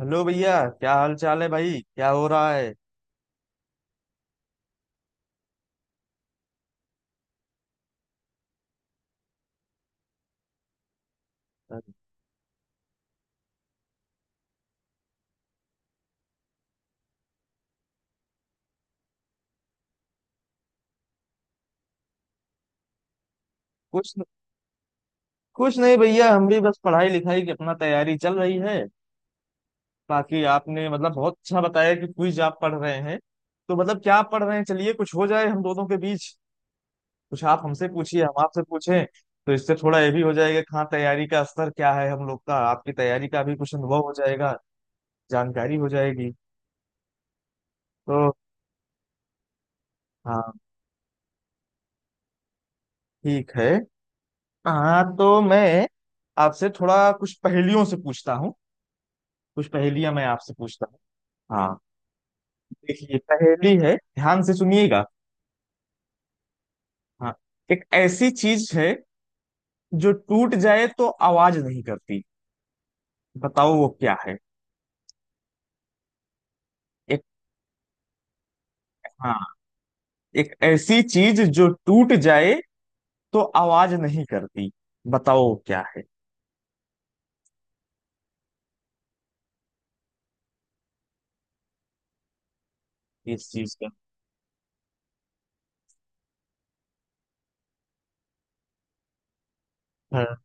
Hello भैया, क्या हाल चाल है भाई? क्या हो रहा है? कुछ कुछ नहीं भैया। हम भी बस पढ़ाई लिखाई की अपना तैयारी चल रही है। बाकी आपने मतलब बहुत अच्छा बताया कि क्विज आप पढ़ रहे हैं, तो मतलब क्या आप पढ़ रहे हैं। चलिए कुछ हो जाए हम दोनों के बीच। कुछ आप हमसे पूछिए, हम आपसे पूछें। तो इससे थोड़ा ये भी हो जाएगा कि हाँ, तैयारी का स्तर क्या है हम लोग का, आपकी तैयारी का भी कुछ अनुभव हो जाएगा। जानकारी हो जाएगी। तो हाँ, ठीक है। हाँ तो मैं आपसे थोड़ा कुछ पहेलियों से पूछता हूँ। कुछ पहेलियां मैं आपसे पूछता हूँ। हाँ, देखिए पहेली है ध्यान से सुनिएगा। हाँ, एक ऐसी चीज है जो टूट जाए तो आवाज नहीं करती, बताओ वो क्या है। एक, हाँ, एक ऐसी चीज जो टूट जाए तो आवाज नहीं करती, बताओ वो क्या है इस चीज का। हाँ,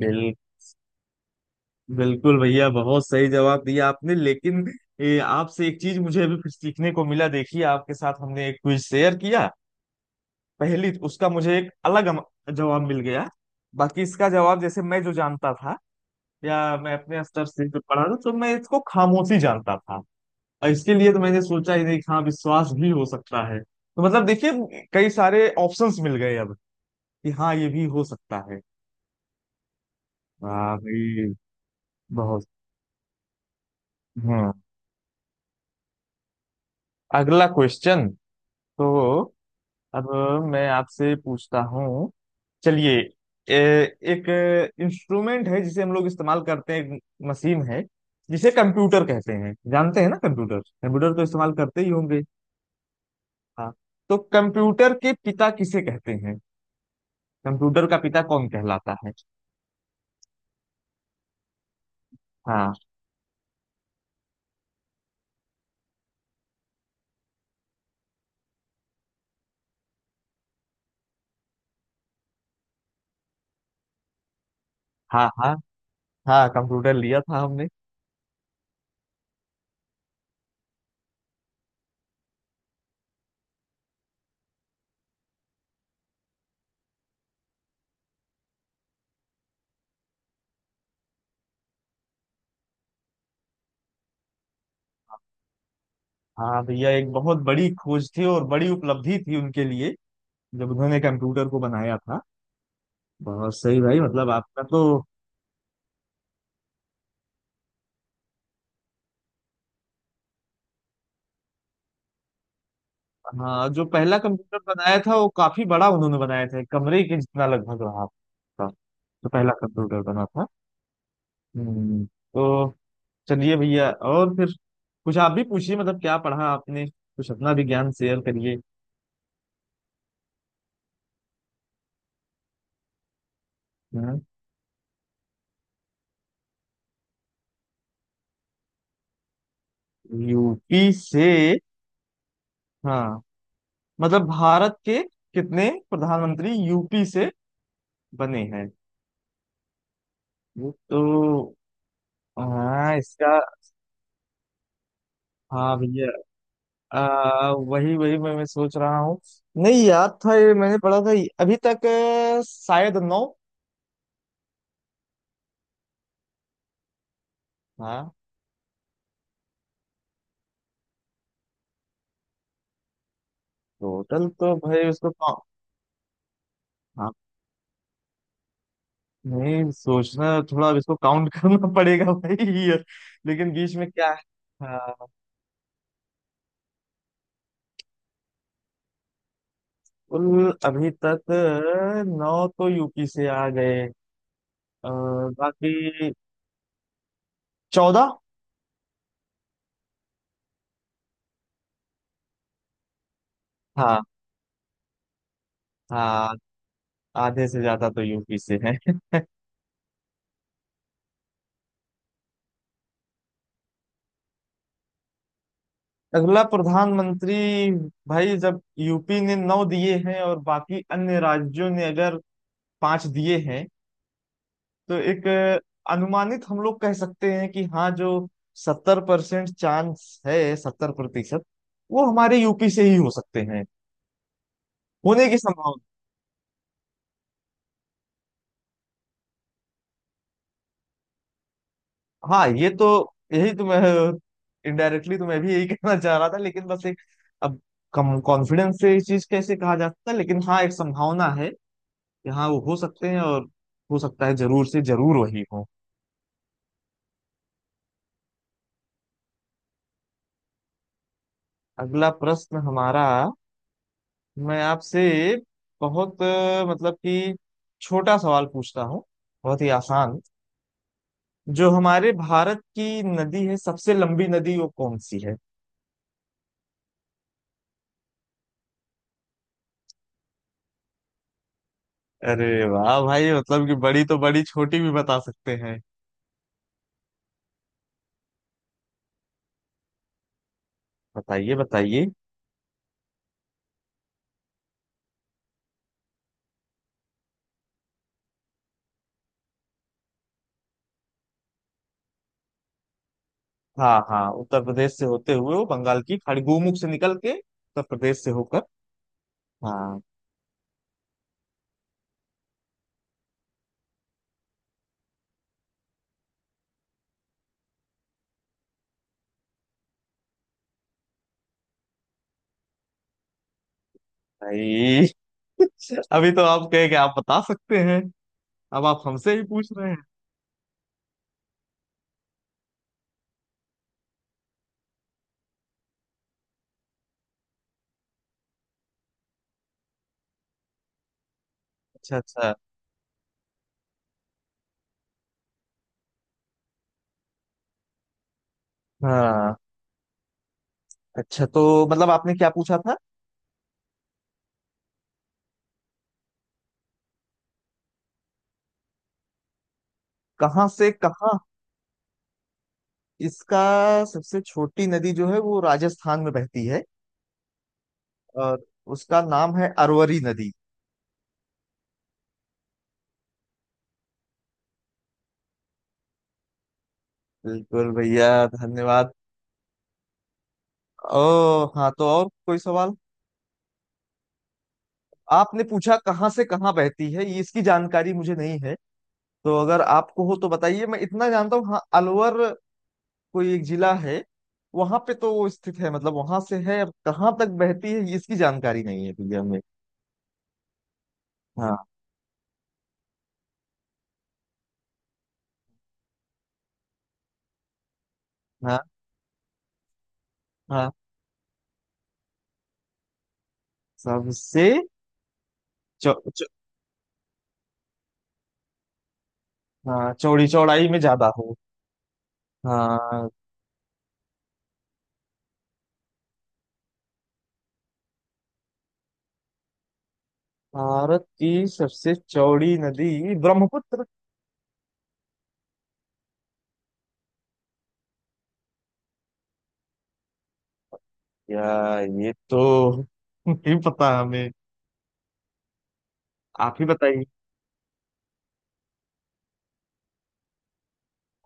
बिल, बिल्कुल भैया, बहुत सही जवाब दिया आपने। लेकिन आपसे एक चीज मुझे अभी फिर सीखने को मिला। देखिए आपके साथ हमने एक क्विज शेयर किया, पहली उसका मुझे एक अलग जवाब मिल गया। बाकी इसका जवाब जैसे मैं जो जानता था या मैं अपने स्तर से जो पढ़ा था, तो मैं इसको खामोशी जानता था। और इसके लिए तो मैंने सोचा ही नहीं कि हाँ, विश्वास भी हो सकता है। तो मतलब देखिए कई सारे ऑप्शंस मिल गए अब, कि हाँ ये भी हो सकता है। वाह भाई, बहुत। हम्म। अगला क्वेश्चन, तो अब मैं आपसे पूछता हूँ। चलिए, एक इंस्ट्रूमेंट है जिसे हम लोग इस्तेमाल करते हैं, एक मशीन है जिसे कंप्यूटर कहते हैं। जानते हैं ना, कंप्यूटर कंप्यूटर तो इस्तेमाल करते ही होंगे। हाँ, तो कंप्यूटर के पिता किसे कहते हैं? कंप्यूटर का पिता कौन कहलाता है? हाँ। हाँ, हाँ, हाँ, कंप्यूटर लिया था हमने। हाँ भैया, एक बहुत बड़ी खोज थी और बड़ी उपलब्धि थी उनके लिए जब उन्होंने कंप्यूटर को बनाया था। बहुत सही भाई, मतलब आपका तो। हाँ, जो पहला कंप्यूटर बनाया था वो काफी बड़ा उन्होंने बनाया था, एक कमरे के जितना लगभग रहा था। जो पहला कंप्यूटर बना था। हम्म, तो चलिए भैया, और फिर कुछ आप भी पूछिए। मतलब क्या पढ़ा आपने, कुछ अपना भी ज्ञान शेयर करिए। हम्म। यूपी से। हाँ, मतलब भारत के कितने प्रधानमंत्री यूपी से बने हैं? तो हाँ, इसका। हाँ भैया, वही वही मैं सोच रहा हूँ। नहीं याद था ये, मैंने पढ़ा था ये। अभी तक शायद 9। हाँ। टोटल तो भाई उसको हाँ, नहीं सोचना थोड़ा। अब इसको काउंट करना पड़ेगा भाई ये। लेकिन बीच में क्या है। हाँ, कुल अभी तक 9 तो यूपी से आ गए। अ, बाकी 14। हाँ, हाँ, आधे से ज्यादा तो यूपी से है। अगला प्रधानमंत्री? भाई जब यूपी ने 9 दिए हैं और बाकी अन्य राज्यों ने अगर 5 दिए हैं, तो एक अनुमानित हम लोग कह सकते हैं कि हाँ, जो 70% चांस है, 70% वो हमारे यूपी से ही हो सकते हैं होने की संभावना। हाँ ये तो, यही तो मैं इनडायरेक्टली तो मैं भी यही कहना चाह रहा था, लेकिन बस एक, अब कम कॉन्फिडेंस से इस चीज कैसे कहा जा सकता है। लेकिन हाँ, एक संभावना है कि हाँ, वो हो सकते हैं और हो सकता है जरूर से जरूर वही हो। अगला प्रश्न हमारा। मैं आपसे बहुत मतलब कि छोटा सवाल पूछता हूँ, बहुत ही आसान। जो हमारे भारत की नदी है सबसे लंबी नदी, वो कौन सी है? अरे वाह भाई, मतलब कि बड़ी तो बड़ी, छोटी भी बता सकते हैं। बताइए, बताइए। हाँ हाँ, उत्तर प्रदेश से होते हुए वो बंगाल की खाड़ी, गोमुख से निकल के उत्तर प्रदेश से होकर। हाँ। भाई अभी तो आप कहे कि आप बता सकते हैं, अब आप हमसे ही पूछ रहे हैं। अच्छा, अच्छा। हाँ, अच्छा तो मतलब आपने क्या पूछा था? कहाँ से कहाँ? इसका, सबसे छोटी नदी जो है वो राजस्थान में बहती है और उसका नाम है अरवरी नदी। बिल्कुल भैया, धन्यवाद। ओ, हाँ तो और कोई सवाल? आपने पूछा कहाँ से कहाँ बहती है, ये इसकी जानकारी मुझे नहीं है। तो अगर आपको हो तो बताइए। मैं इतना जानता हूँ, हाँ, अलवर कोई एक जिला है, वहां पे तो वो स्थित है, मतलब वहां से है। अब कहाँ तक बहती है इसकी जानकारी नहीं है भैया हमें। हाँ। हाँ। हाँ, सबसे। चौ, चौ, हाँ, चौड़ी, चौड़ाई में ज्यादा हो। हाँ, भारत की सबसे चौड़ी नदी ब्रह्मपुत्र। या ये तो नहीं पता हमें, आप ही बताइए।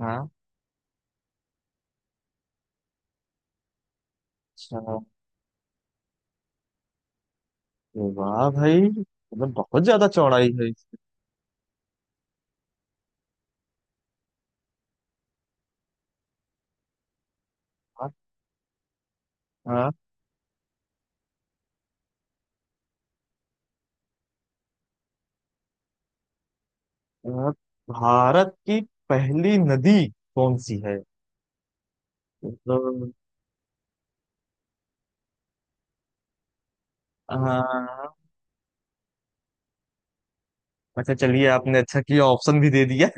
हाँ। अच्छा। अरे वाह भाई, मतलब बहुत ज्यादा चौड़ाई है। इसका। हाँ। अ, भारत की पहली नदी कौन सी है? तो हाँ, अच्छा चलिए, आपने अच्छा किया ऑप्शन भी दे दिया।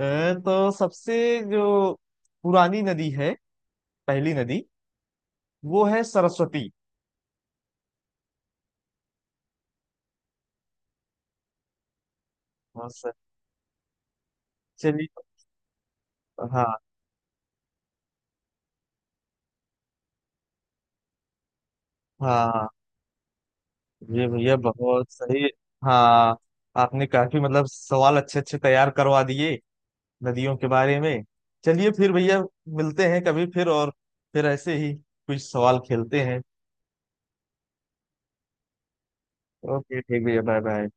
तो सबसे जो पुरानी नदी है, पहली नदी, वो है सरस्वती। हाँ सर। चलिए। हाँ, हाँ ये भैया बहुत सही। हाँ, आपने काफी मतलब सवाल अच्छे अच्छे तैयार करवा दिए नदियों के बारे में। चलिए फिर भैया, मिलते हैं कभी फिर और फिर ऐसे ही कुछ सवाल खेलते हैं। ओके, ठीक भैया, बाय बाय।